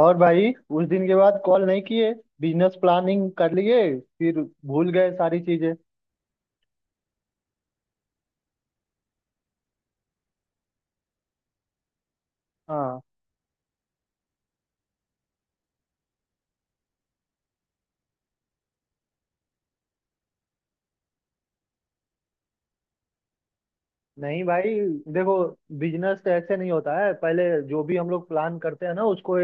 और भाई उस दिन के बाद कॉल नहीं किए। बिजनेस प्लानिंग कर लिए फिर भूल गए सारी चीजें। हाँ। नहीं भाई, देखो बिजनेस तो ऐसे नहीं होता है। पहले जो भी हम लोग प्लान करते हैं ना उसको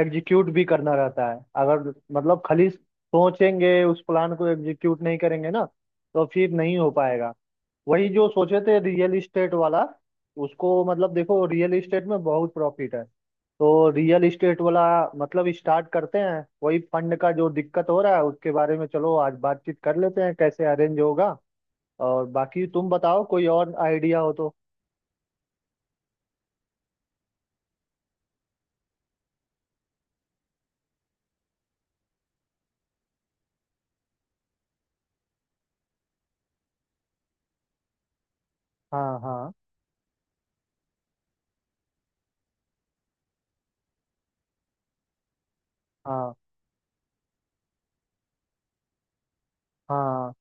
एग्जीक्यूट भी करना रहता है। अगर मतलब खाली सोचेंगे, उस प्लान को एग्जीक्यूट नहीं करेंगे ना तो फिर नहीं हो पाएगा। वही जो सोचे थे, रियल इस्टेट वाला उसको मतलब देखो, रियल इस्टेट में बहुत प्रॉफिट है। तो रियल इस्टेट वाला मतलब स्टार्ट करते हैं। वही फंड का जो दिक्कत हो रहा है उसके बारे में चलो आज बातचीत कर लेते हैं, कैसे अरेंज होगा। और बाकी तुम बताओ कोई और आइडिया हो तो। हाँ हाँ। हाँ हाँ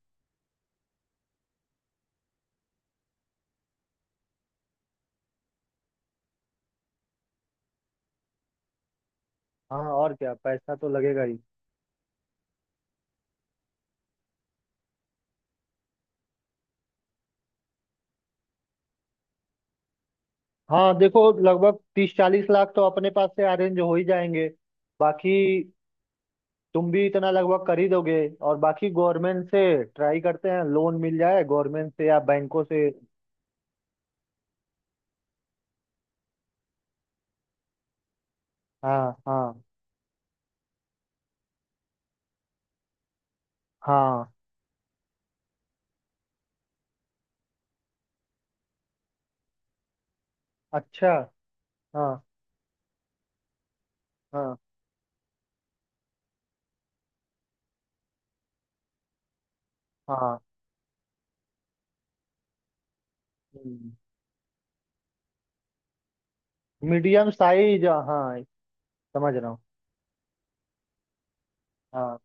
हाँ। और क्या, पैसा तो लगेगा ही। हाँ देखो, लगभग 30-40 लाख तो अपने पास से अरेंज हो ही जाएंगे। बाकी तुम भी इतना लगभग कर ही दोगे, और बाकी गवर्नमेंट से ट्राई करते हैं लोन मिल जाए गवर्नमेंट से या बैंकों से। हाँ हाँ। हाँ। अच्छा। हाँ हाँ हाँ। Medium size. हाँ, समझ रहा हूँ। हाँ।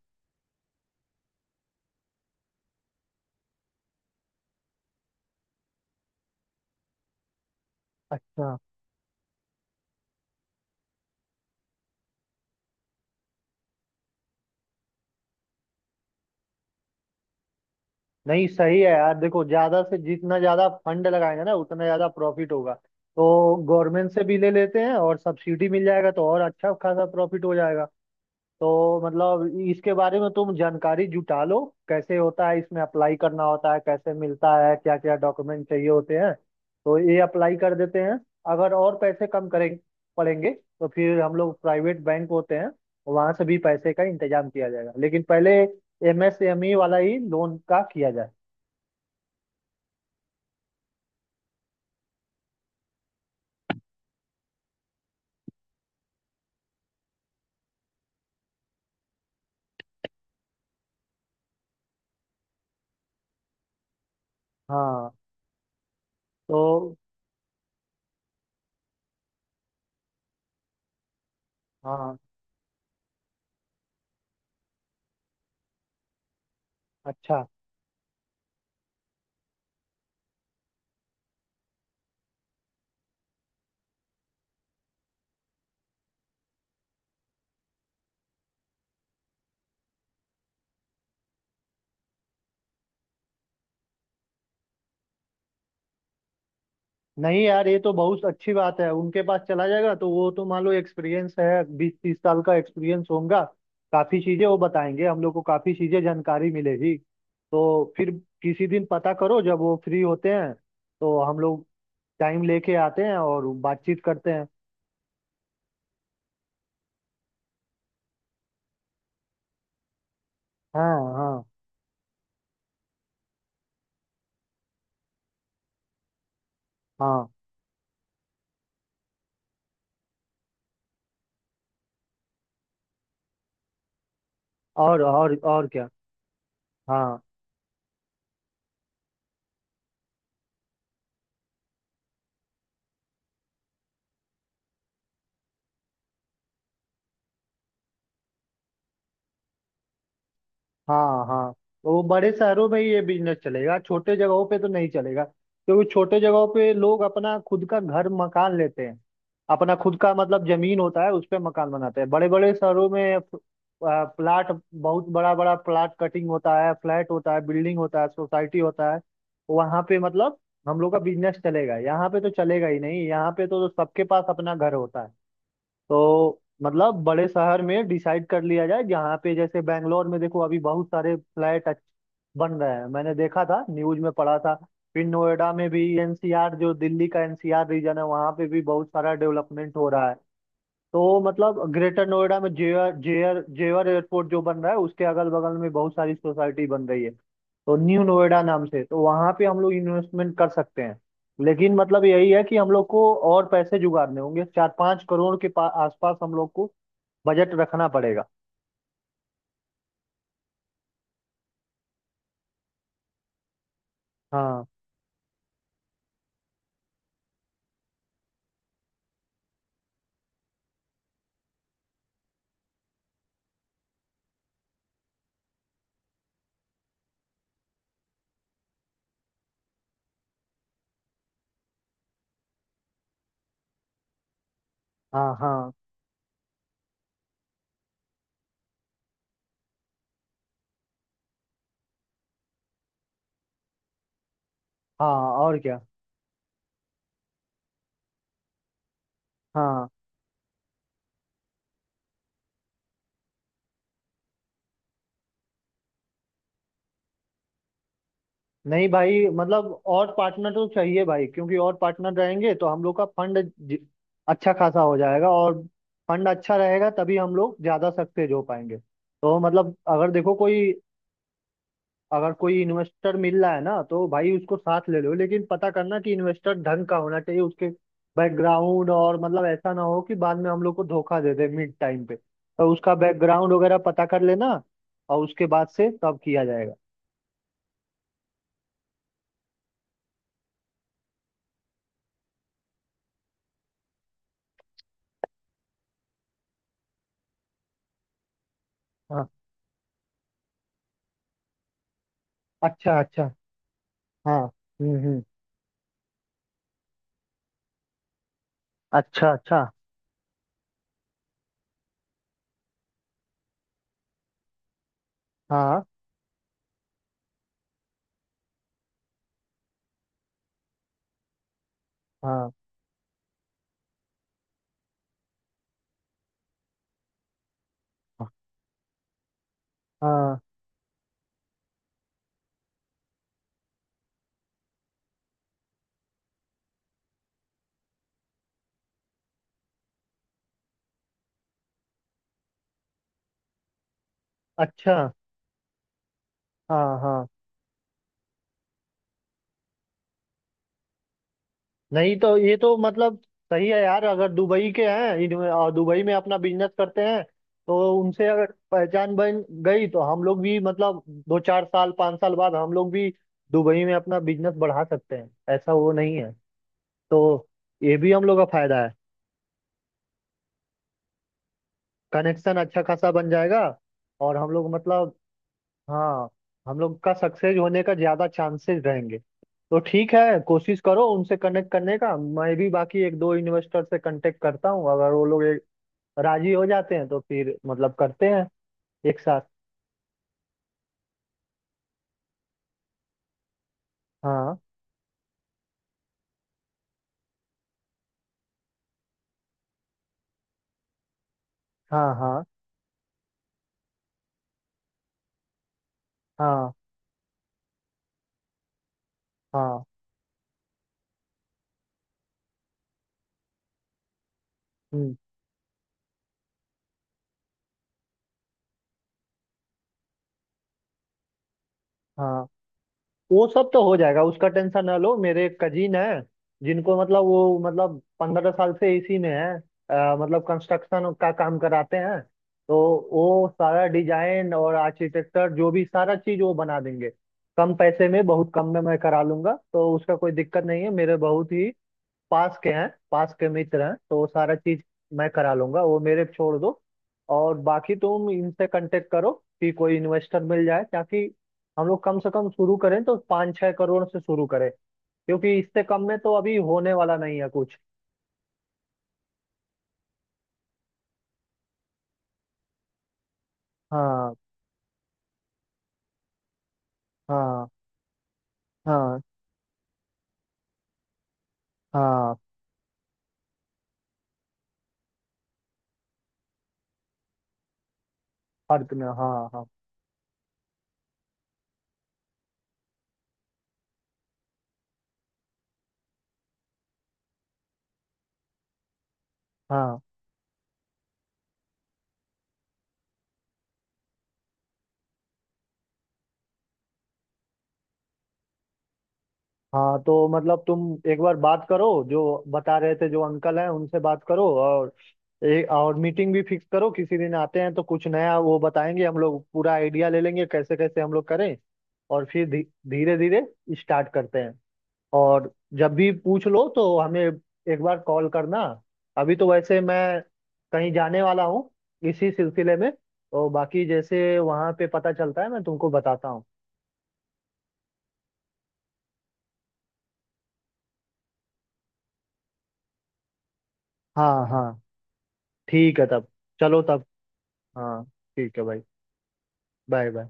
अच्छा। नहीं सही है यार, देखो ज्यादा से जितना ज्यादा फंड लगाएंगे ना उतना ज्यादा प्रॉफिट होगा। तो गवर्नमेंट से भी ले लेते हैं, और सब्सिडी मिल जाएगा तो और अच्छा खासा प्रॉफिट हो जाएगा। तो मतलब इसके बारे में तुम जानकारी जुटा लो, कैसे होता है, इसमें अप्लाई करना होता है कैसे, मिलता है क्या क्या, डॉक्यूमेंट चाहिए होते हैं, तो ये अप्लाई कर देते हैं। अगर और पैसे कम करें पड़ेंगे तो फिर हम लोग प्राइवेट बैंक होते हैं वहां से भी पैसे का इंतजाम किया जाएगा, लेकिन पहले एमएसएमई वाला ही लोन का किया जाए। हाँ तो। हाँ। अच्छा। नहीं यार, ये तो बहुत अच्छी बात है। उनके पास चला जाएगा तो वो तो मान लो एक्सपीरियंस है, 20-30 साल का एक्सपीरियंस होगा। काफी चीजें वो बताएंगे हम लोग को, काफी चीजें जानकारी मिलेगी। तो फिर किसी दिन पता करो जब वो फ्री होते हैं तो हम लोग टाइम लेके आते हैं और बातचीत करते हैं। हाँ हाँ। हाँ, और क्या। हाँ हाँ हाँ। वो बड़े शहरों में ही ये बिजनेस चलेगा, छोटे जगहों पे तो नहीं चलेगा, क्योंकि छोटे जगहों पे लोग अपना खुद का घर मकान लेते हैं। अपना खुद का मतलब जमीन होता है, उस पे मकान बनाते हैं। बड़े बड़े शहरों में प्लाट, बहुत बड़ा बड़ा प्लाट कटिंग होता है, फ्लैट होता है, बिल्डिंग होता है, सोसाइटी होता है। वहां पे मतलब हम लोग का बिजनेस चलेगा। यहाँ पे तो चलेगा ही नहीं, यहाँ पे तो सबके पास अपना घर होता है। तो मतलब बड़े शहर में डिसाइड कर लिया जाए, जहाँ पे जैसे बैंगलोर में देखो अभी बहुत सारे फ्लैट बन रहे हैं, मैंने देखा था, न्यूज में पढ़ा था। फिर नोएडा में भी एनसीआर, जो दिल्ली का एनसीआर रीजन है वहाँ पे भी बहुत सारा डेवलपमेंट हो रहा है। तो मतलब ग्रेटर नोएडा में जेवर जेवर जेवर एयरपोर्ट जो बन रहा है उसके अगल बगल में बहुत सारी सोसाइटी बन रही है। तो न्यू नोएडा नाम से, तो वहां पे हम लोग इन्वेस्टमेंट कर सकते हैं। लेकिन मतलब यही है कि हम लोग को और पैसे जुगाड़ने होंगे। 4-5 करोड़ के आसपास हम लोग को बजट रखना पड़ेगा। हाँ हाँ। हाँ हाँ, और क्या। हाँ। नहीं भाई, मतलब और पार्टनर तो चाहिए भाई, क्योंकि और पार्टनर रहेंगे तो हम लोग का फंड अच्छा खासा हो जाएगा, और फंड अच्छा रहेगा तभी हम लोग ज्यादा सक्सेस हो पाएंगे। तो मतलब अगर देखो कोई अगर कोई इन्वेस्टर मिल रहा है ना तो भाई उसको साथ ले लो, लेकिन पता करना कि इन्वेस्टर ढंग का होना चाहिए, उसके बैकग्राउंड। और मतलब ऐसा ना हो कि बाद में हम लोग को धोखा दे दे मिड टाइम पे, तो उसका बैकग्राउंड वगैरह पता कर लेना और उसके बाद से तब किया जाएगा। हाँ। अच्छा अच्छा। हाँ। हम्म। अच्छा अच्छा। हाँ हाँ हाँ। अच्छा। हाँ हाँ। नहीं तो ये तो मतलब सही है यार, अगर दुबई के हैं और दुबई में अपना बिजनेस करते हैं तो उनसे अगर पहचान बन गई तो हम लोग भी मतलब 2-4 साल 5 साल बाद हम लोग भी दुबई में अपना बिजनेस बढ़ा सकते हैं। ऐसा वो नहीं है। तो ये भी हम लोग का फायदा है। कनेक्शन अच्छा खासा बन जाएगा, और हम लोग मतलब, हाँ, हम लोग का सक्सेस होने का ज्यादा चांसेस रहेंगे। तो ठीक है, कोशिश करो उनसे कनेक्ट करने का। मैं भी बाकी एक दो इन्वेस्टर से कांटेक्ट करता हूँ, अगर वो लोग राजी हो जाते हैं तो फिर मतलब करते हैं एक साथ। हाँ हाँ। हाँ हाँ हाँ। हम्म, हाँ। वो सब तो हो जाएगा, उसका टेंशन ना लो। मेरे कजिन है जिनको मतलब, वो मतलब 15 साल से इसी में है, मतलब कंस्ट्रक्शन का काम कराते हैं। तो वो सारा डिजाइन और आर्किटेक्चर जो भी सारा चीज वो बना देंगे। कम पैसे में, बहुत कम में मैं करा लूंगा, तो उसका कोई दिक्कत नहीं है। मेरे बहुत ही पास के हैं, पास के मित्र हैं, तो सारा चीज मैं करा लूंगा, वो मेरे पे छोड़ दो। और बाकी तुम इनसे कांटेक्ट करो कि कोई इन्वेस्टर मिल जाए, ताकि हम लोग कम से कम शुरू करें तो 5-6 करोड़ से शुरू करें, क्योंकि इससे कम में तो अभी होने वाला नहीं है कुछ। हाँ हाँ। हाँ हाँ। फर्क ना, हाँ हाँ। हाँ हाँ। तो मतलब तुम एक बार बात करो, जो बता रहे थे जो अंकल हैं उनसे बात करो, और और मीटिंग भी फिक्स करो, किसी दिन आते हैं तो कुछ नया वो बताएंगे, हम लोग पूरा आइडिया ले लेंगे कैसे कैसे हम लोग करें। और फिर धीरे धीरे स्टार्ट करते हैं। और जब भी पूछ लो तो हमें एक बार कॉल करना। अभी तो वैसे मैं कहीं जाने वाला हूँ इसी सिलसिले में, तो बाकी जैसे वहाँ पे पता चलता है मैं तुमको बताता हूँ। हाँ हाँ। ठीक है तब। चलो तब। हाँ। ठीक है भाई। Bye bye.